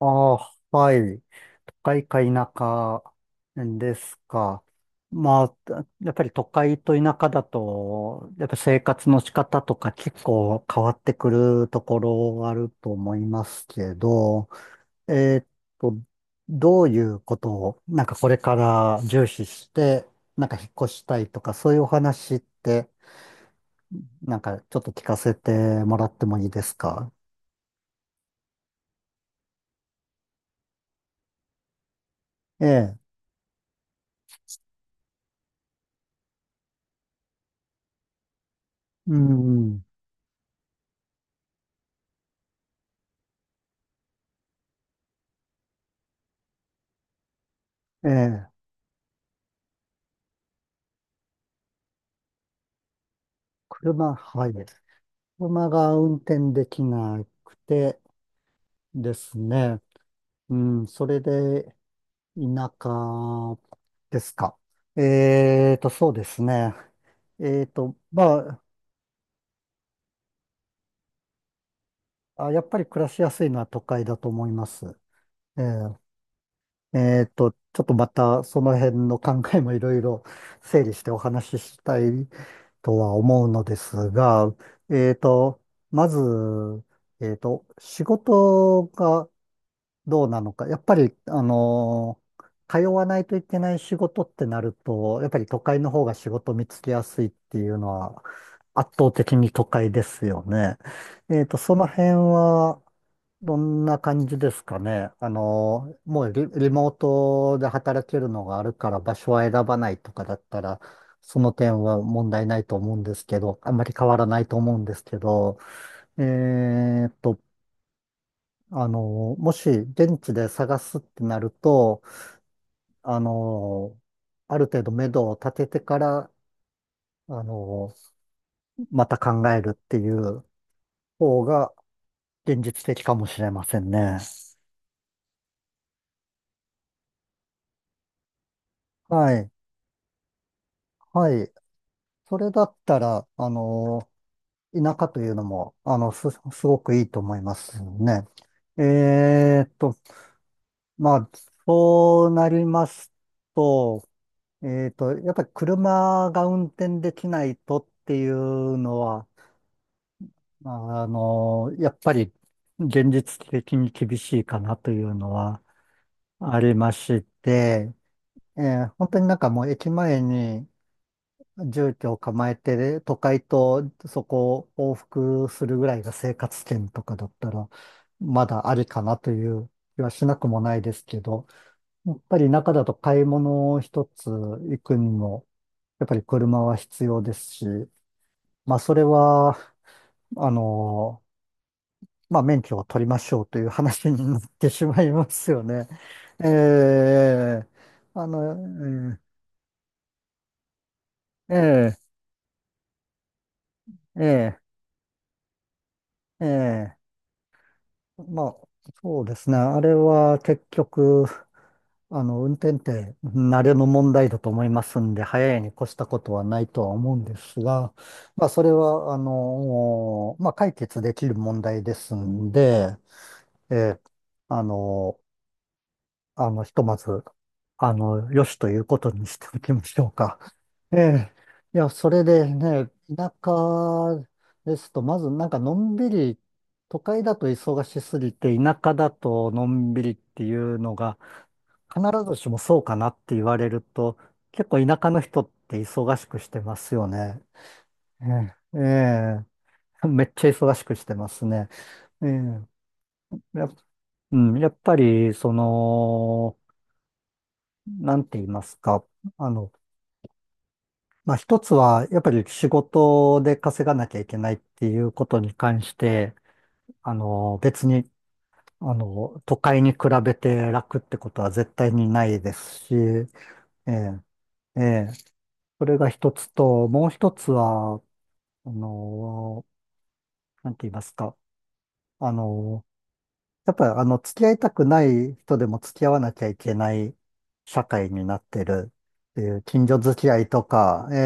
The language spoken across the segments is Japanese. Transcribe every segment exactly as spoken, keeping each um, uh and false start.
ああ、はい。都会か田舎ですか。まあ、やっぱり都会と田舎だと、やっぱ生活の仕方とか結構変わってくるところがあると思いますけど、えーっと、どういうことを、なんかこれから重視して、なんか引っ越したいとか、そういうお話って、なんかちょっと聞かせてもらってもいいですか。ええ、うん、ええ、車、はい。車が運転できなくてですね。うん、それで田舎ですか。えーと、そうですね。えーと、まあ、あ、やっぱり暮らしやすいのは都会だと思います。えー、えーと、ちょっとまたその辺の考えもいろいろ整理してお話ししたいとは思うのですが、えーと、まず、えーと、仕事がどうなのか。やっぱり、あのー通わないといけない仕事ってなると、やっぱり都会の方が仕事見つけやすいっていうのは、圧倒的に都会ですよね。えっと、その辺は、どんな感じですかね。あのーもうリ、リモートで働けるのがあるから場所は選ばないとかだったら、その点は問題ないと思うんですけど、あんまり変わらないと思うんですけど、えっと、あの、もし現地で探すってなると、あの、ある程度目処を立ててから、あの、また考えるっていう方が現実的かもしれませんね。はい。はい。それだったら、あの、田舎というのも、あの、す、すごくいいと思いますね。えーっと、まあ、そうなりますと、えーっと、やっぱり車が運転できないとっていうのは、まあの、やっぱり現実的に厳しいかなというのはありまして、えー本当になんかもう駅前に住居を構えて、都会とそこを往復するぐらいが生活圏とかだったら、まだありかなという気はしなくもないですけど、やっぱり中だと買い物一つ行くにも、やっぱり車は必要ですし、まあそれは、あの、まあ、免許を取りましょうという話になってしまいますよね。ええ、あの、ええ、ええ、ええ、ええ、まあ、そうですね。あれは結局、あの、運転って慣れの問題だと思いますんで、早いに越したことはないとは思うんですが、まあ、それは、あの、まあ、解決できる問題ですんで、ええ、あの、あの、ひとまず、あの、よしということにしておきましょうか。ええ。いや、それでね、田舎ですと、まずなんかのんびり、都会だと忙しすぎて、田舎だとのんびりっていうのが、必ずしもそうかなって言われると、結構田舎の人って忙しくしてますよね。ええ。ええ、 めっちゃ忙しくしてますね。ええ。やっ、うん、やっぱり、その、なんて言いますか。あの、まあ一つは、やっぱり仕事で稼がなきゃいけないっていうことに関して、あの、別に、あの、都会に比べて楽ってことは絶対にないですし、ええ、ええ、それが一つと、もう一つは、あの、なんて言いますか、あの、やっぱりあの、付き合いたくない人でも付き合わなきゃいけない社会になってるっていう、近所付き合いとか、え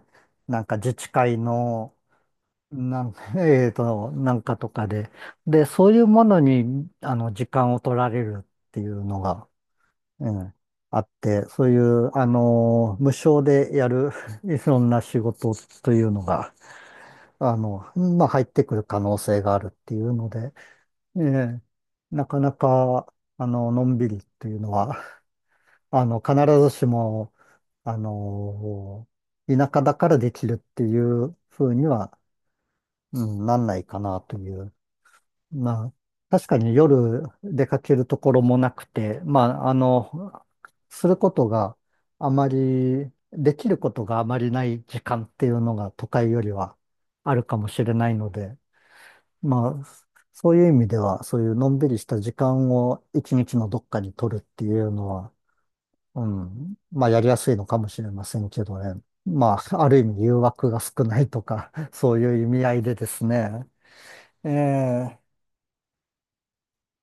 え、なんか自治会の、なん、えーと、なんかとかで。で、そういうものに、あの、時間を取られるっていうのが、うん、あって、そういう、あの、無償でやる いろんな仕事というのが、あの、まあ、入ってくる可能性があるっていうので、ええ、なかなか、あの、のんびりっていうのは、あの、必ずしも、あの、田舎だからできるっていうふうには、うん、なんないかなという。まあ、確かに夜出かけるところもなくて、まあ、あの、することがあまり、できることがあまりない時間っていうのが都会よりはあるかもしれないので、まあ、そういう意味では、そういうのんびりした時間を一日のどっかに取るっていうのは、うん、まあ、やりやすいのかもしれませんけどね。まあ、ある意味誘惑が少ないとか、そういう意味合いでですね。ええ、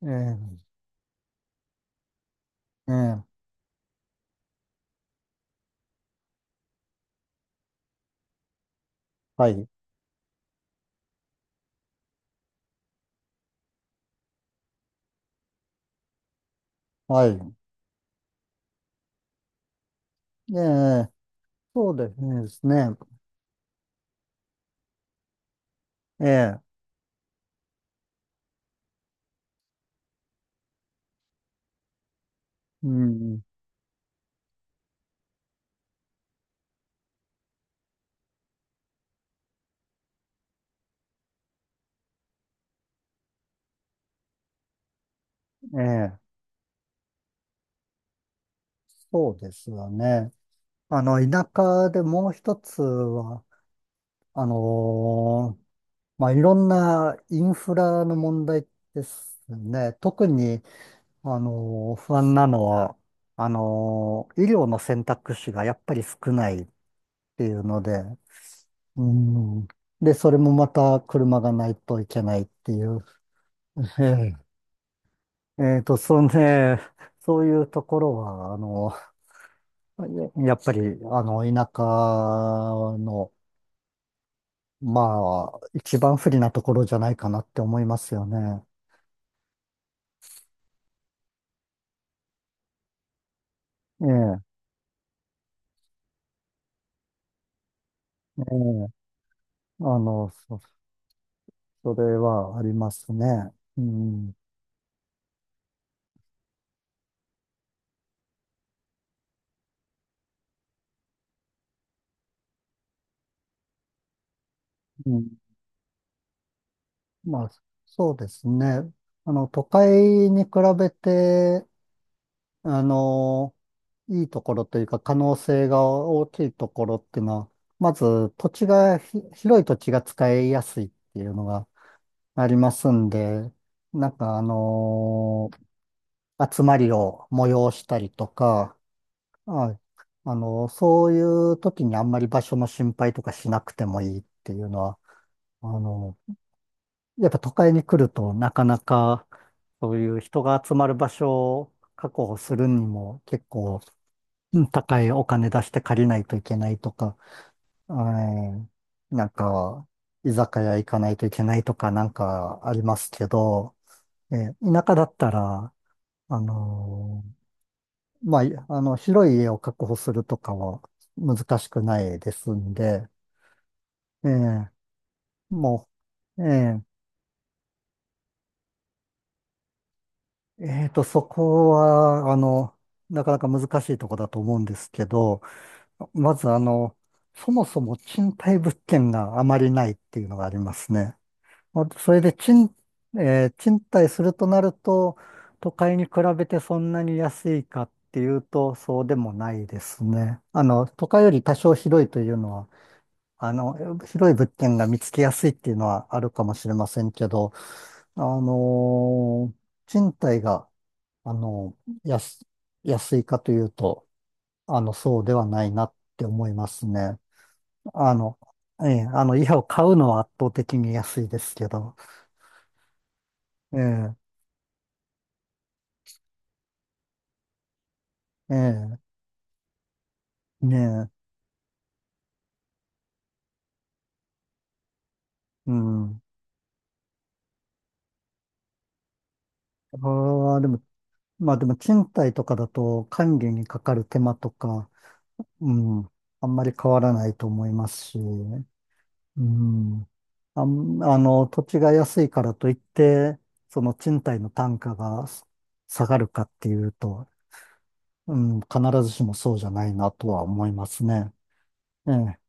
ええ、ええ、はい。はい。ええ、そうですね。ええ、うん、ええ、そうですよね。あの、田舎でもう一つは、あのーまあ、いろんなインフラの問題ですね。特に、あのー不安なのは、あのー医療の選択肢がやっぱり少ないっていうので、うん。で、それもまた車がないといけないっていう。ええ、えっと、そうね、そういうところは、あの、やっぱり、あの、田舎の、まあ、一番不利なところじゃないかなって思いますよね。ええ、ええ、あの、そ、それはありますね。うん、うん、まあ、そうですね。あの、都会に比べて、あの、いいところというか可能性が大きいところっていうのは、まず土地がひ、広い土地が使いやすいっていうのがありますんで、なんかあの集まりを催したりとか、はい、あのそういう時にあんまり場所の心配とかしなくてもいいっていうのは、あのやっぱ都会に来るとなかなかそういう人が集まる場所を確保するにも結構うん高いお金出して借りないといけないとか、はい、なんか、居酒屋行かないといけないとかなんかありますけど、えー田舎だったら、あのーまあ、いあの、広い家を確保するとかは難しくないですんで、えーもう、えーえーと、そこは、あの、なかなか難しいとこだと思うんですけど、まずあの、そもそも賃貸物件があまりないっていうのがありますね。ほんとそれで賃、えー賃貸するとなると、都会に比べてそんなに安いかっていうと、そうでもないですね。あの、都会より多少広いというのは、あの、広い物件が見つけやすいっていうのはあるかもしれませんけど、あのー賃貸が、あの、安、安いかというと、あの、そうではないなって思いますね。あの、ええ、あの、家を買うのは圧倒的に安いですけど、ええ、ええ、ねえ、うん。ああ、でも、まあでも賃貸とかだと管理にかかる手間とか、うん、あんまり変わらないと思いますし、うん。あん、あの、土地が安いからといって、その賃貸の単価が下がるかっていうと、うん、必ずしもそうじゃないなとは思いますね。ええ、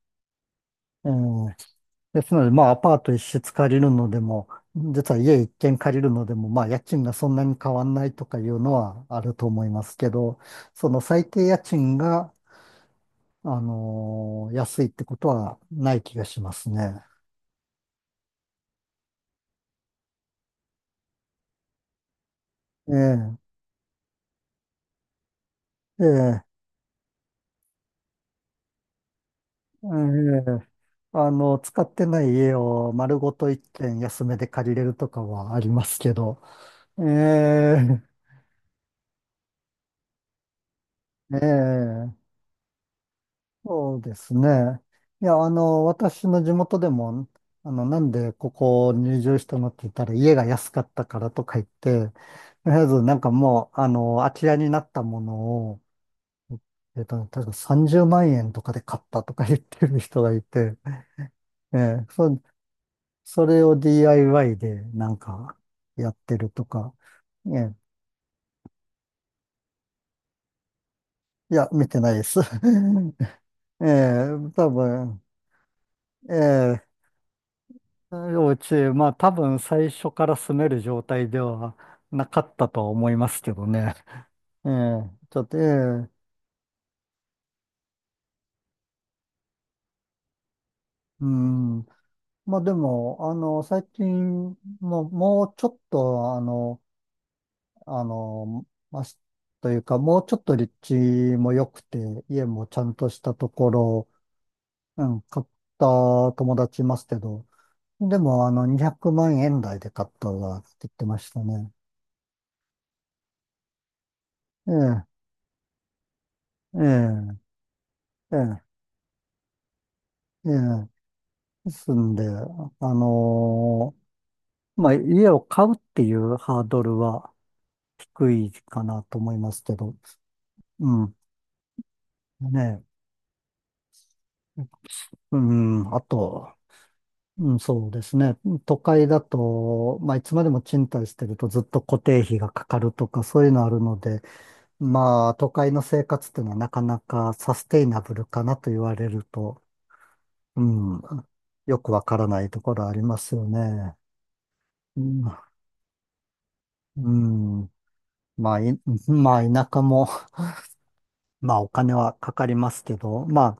ええ。ですので、まあ、アパート一室借りるのでも、実は家一軒借りるのでも、まあ、家賃がそんなに変わんないとかいうのはあると思いますけど、その最低家賃が、あのー安いってことはない気がしますね。ええ、ええ、ええ、あの、使ってない家を丸ごと一軒安めで借りれるとかはありますけど、ええ、ええ、そうですね。いや、あの、私の地元でも、あの、なんでここ入場したのって言ったら、家が安かったからとか言って、とりあえずなんかもう、あの、空き家になったものを、えっと、確かさんじゅうまん円とかで買ったとか言ってる人がいて、ええ、そ、それを ディーアイワイ でなんかやってるとか、ええ、いや、見てないです。ええ、多分、ええ、幼稚園、まあ多分最初から住める状態ではなかったとは思いますけどね。ええ、ちょっと、ええ、うん。まあでも、あの、最近、もう、もうちょっと、あの、あの、まあ、しというか、もうちょっと立地も良くて、家もちゃんとしたところ、うん、買った友達いますけど、でも、あの、にひゃくまん円台で買ったわって言ってましたね。ええ、ええ、ええ、ええ。ですんで、あのーまあ、家を買うっていうハードルは低いかなと思いますけど、うん、ねえ、うん、あと、うん、そうですね、都会だと、まあ、いつまでも賃貸してるとずっと固定費がかかるとか、そういうのあるので、まあ、都会の生活っていうのはなかなかサステイナブルかなと言われると、うん、よくわからないところありますよね。うん、うん、まあ、い、まあ、田舎も、まあ、お金はかかりますけど、ま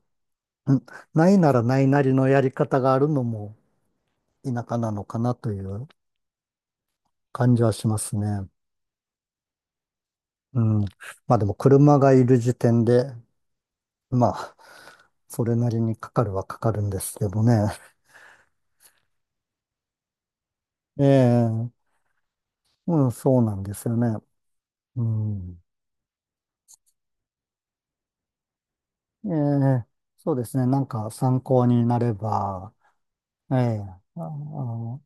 あ、んないならないなりのやり方があるのも田舎なのかなという感じはしますね。うん。まあ、でも車がいる時点で、まあ、それなりにかかるはかかるんですけどね。ええ、うん、そうなんですよね。うん。ええ、そうですね。なんか参考になれば、ええ、ああ